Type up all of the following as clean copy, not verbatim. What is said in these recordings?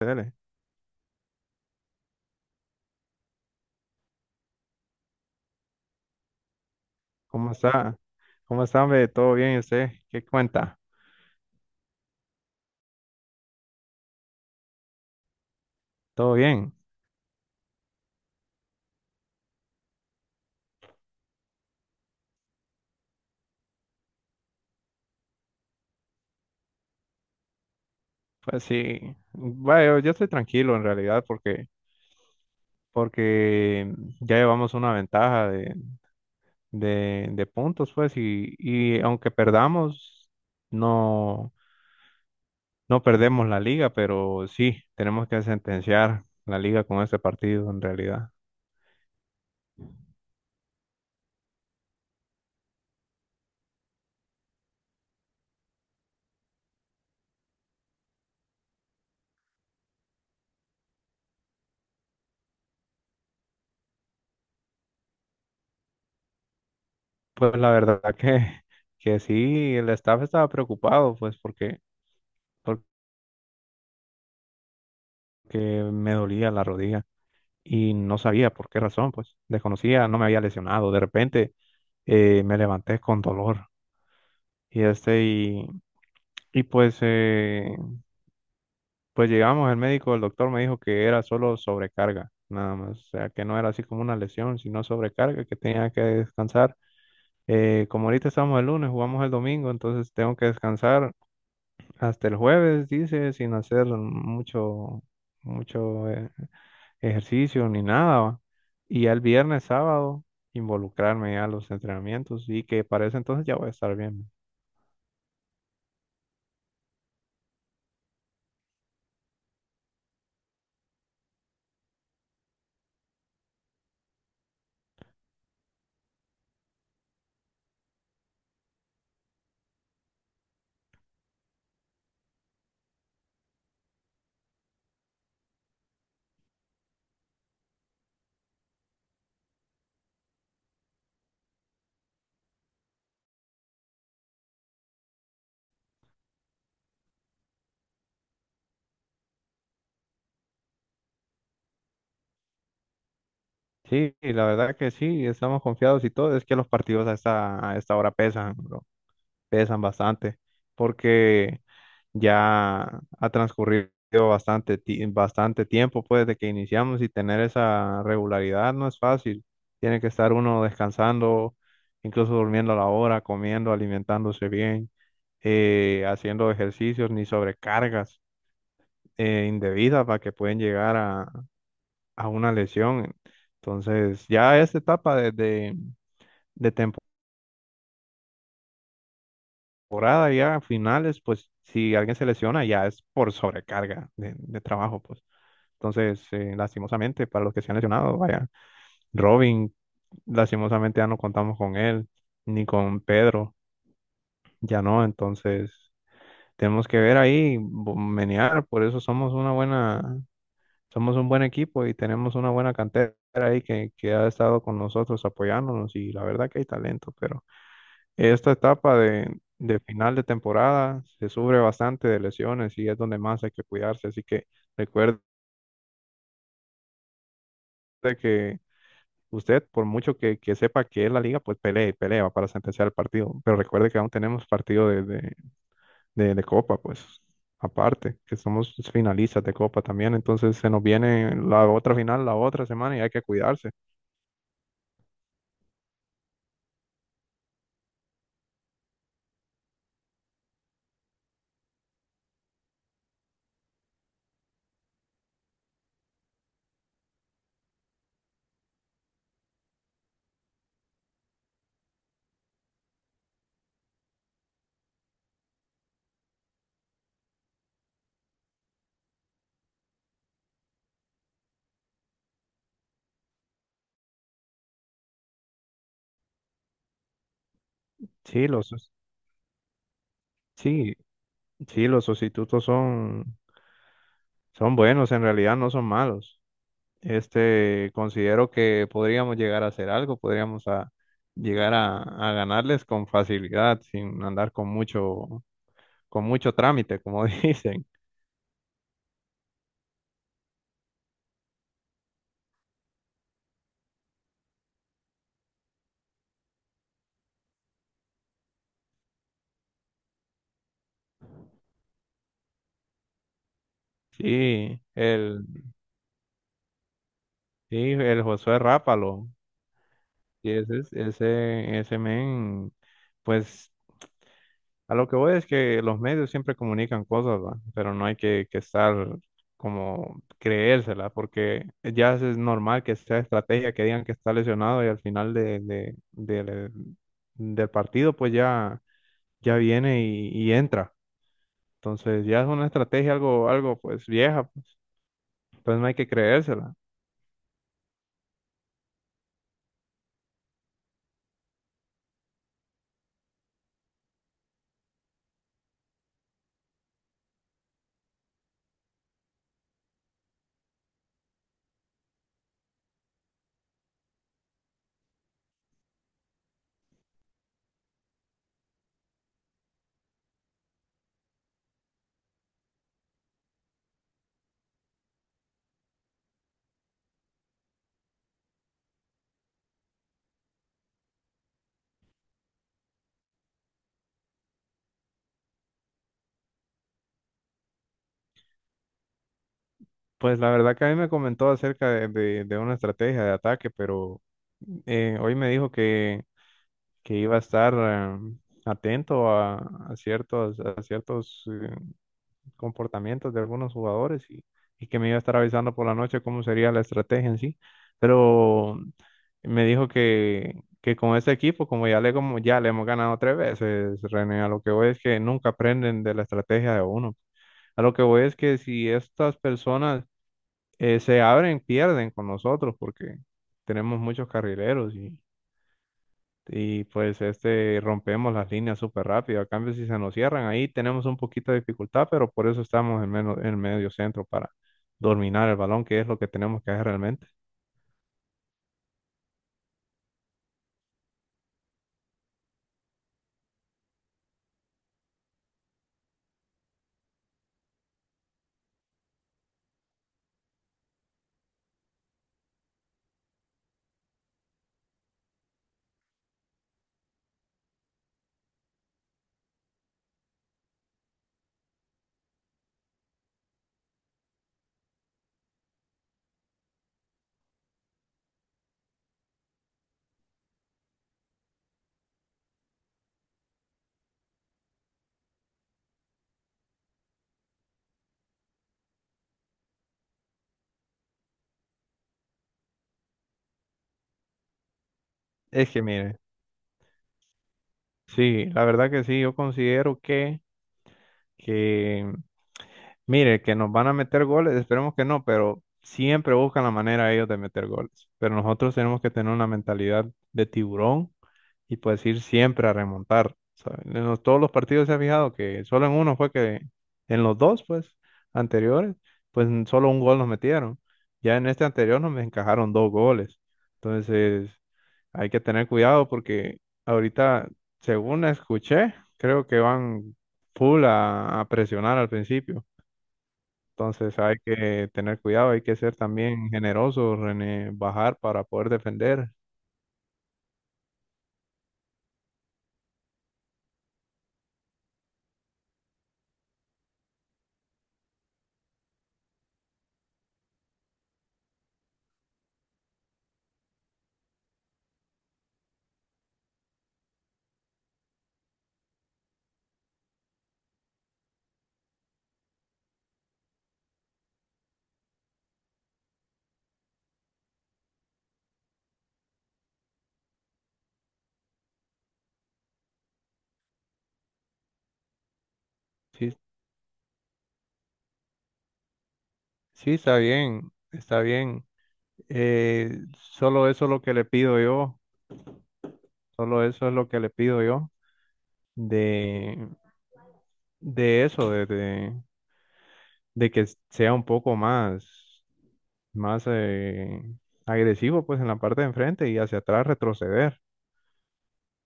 Dele. ¿Cómo está? ¿Cómo está, hombre? ¿Todo bien? ¿Y usted? ¿Qué cuenta? ¿Todo bien? Pues sí, bueno, yo estoy tranquilo en realidad porque ya llevamos una ventaja de puntos, pues, y aunque perdamos, no, no perdemos la liga, pero sí, tenemos que sentenciar la liga con este partido en realidad. Pues la verdad que sí, el staff estaba preocupado, pues, porque me dolía la rodilla. Y no sabía por qué razón, pues desconocía, no me había lesionado. De repente me levanté con dolor y este y, y pues llegamos al médico, el doctor me dijo que era solo sobrecarga, nada más, o sea que no era así como una lesión, sino sobrecarga, que tenía que descansar. Como ahorita estamos el lunes, jugamos el domingo, entonces tengo que descansar hasta el jueves, dice, sin hacer mucho ejercicio ni nada, ¿va? Y ya el viernes, sábado, involucrarme ya a los entrenamientos y que para ese entonces ya voy a estar bien. Sí, y la verdad que sí, estamos confiados y todo. Es que los partidos a esta hora pesan, bro, pesan bastante, porque ya ha transcurrido bastante tiempo pues, desde que iniciamos y tener esa regularidad no es fácil. Tiene que estar uno descansando, incluso durmiendo a la hora, comiendo, alimentándose bien. Haciendo ejercicios ni sobrecargas indebidas para que pueden llegar a una lesión. Entonces, ya esta etapa de temporada, ya a finales, pues si alguien se lesiona, ya es por sobrecarga de trabajo, pues. Entonces, lastimosamente, para los que se han lesionado, vaya, Robin, lastimosamente ya no contamos con él, ni con Pedro, ya no, entonces tenemos que ver ahí, menear, por eso somos una buena Somos un buen equipo y tenemos una buena cantera ahí que ha estado con nosotros apoyándonos y la verdad que hay talento, pero esta etapa de final de temporada se sufre bastante de lesiones y es donde más hay que cuidarse. Así que recuerde que usted, por mucho que sepa que es la liga, pues pelea y pelea para sentenciar el partido, pero recuerde que aún tenemos partido de Copa, pues aparte, que somos finalistas de Copa también, entonces se nos viene la otra final la otra semana y hay que cuidarse. Sí, los, sí, sí, los sustitutos son, son buenos, en realidad no son malos. Este, considero que podríamos llegar a hacer algo, llegar a ganarles con facilidad, sin andar con mucho trámite, como dicen. Sí, el, sí, el Josué Rápalo, sí, ese, ese men, pues a lo que voy es que los medios siempre comunican cosas, ¿va? Pero no hay que estar como creérsela, porque ya es normal que sea estrategia, que digan que está lesionado y al final del del partido pues ya, ya viene y entra. Entonces ya es una estrategia algo, algo pues vieja, pues. Entonces no hay que creérsela. Pues la verdad que a mí me comentó acerca de una estrategia de ataque, pero hoy me dijo que iba a estar atento a ciertos comportamientos de algunos jugadores y que me iba a estar avisando por la noche cómo sería la estrategia en sí. Pero me dijo que con este equipo, como ya le hemos ganado 3 veces, René, a lo que voy es que nunca aprenden de la estrategia de uno. A lo que voy es que si estas personas se abren, pierden con nosotros porque tenemos muchos carrileros y pues este rompemos las líneas súper rápido. A cambio, si se nos cierran, ahí tenemos un poquito de dificultad, pero por eso estamos en, menos, en medio centro para dominar el balón, que es lo que tenemos que hacer realmente. Es que mire, sí, la verdad que sí, yo considero que mire, que nos van a meter goles, esperemos que no, pero siempre buscan la manera ellos de meter goles. Pero nosotros tenemos que tener una mentalidad de tiburón y pues ir siempre a remontar. ¿Sabe? Todos los partidos se ha fijado que solo en uno fue que, en los dos, pues, anteriores, solo un gol nos metieron. Ya en este anterior nos encajaron dos goles. Entonces, hay que tener cuidado porque ahorita, según escuché, creo que van full a presionar al principio. Entonces hay que tener cuidado, hay que ser también generosos en bajar para poder defender. Sí, sí, está bien, está bien. Eh, Solo eso es lo que le pido yo, solo eso es lo que le pido yo de, de eso, de que sea un poco más, más agresivo pues en la parte de enfrente y hacia atrás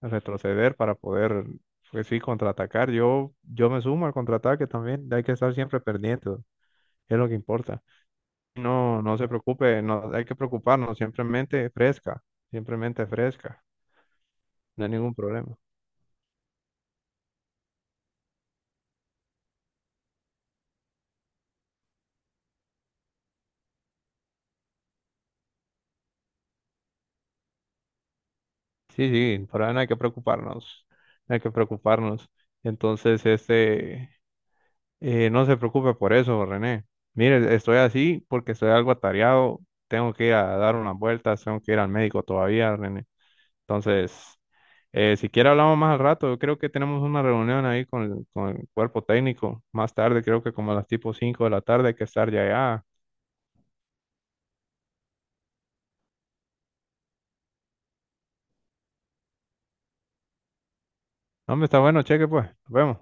retroceder para poder, pues sí, contraatacar. Yo me sumo al contraataque también, hay que estar siempre pendiente. Es lo que importa. No, no se preocupe, no hay que preocuparnos. Simplemente fresca, no hay ningún problema. Sí, sí, por ahora no hay que preocuparnos, no hay que preocuparnos. Entonces, este, no se preocupe por eso, René. Mire, estoy así porque estoy algo atareado, tengo que ir a dar unas vueltas, tengo que ir al médico todavía, René. Entonces, si quiere hablamos más al rato. Yo creo que tenemos una reunión ahí con el cuerpo técnico. Más tarde, creo que como a las tipo 5 de la tarde hay que estar ya allá. No, hombre, está bueno, cheque pues. Nos vemos.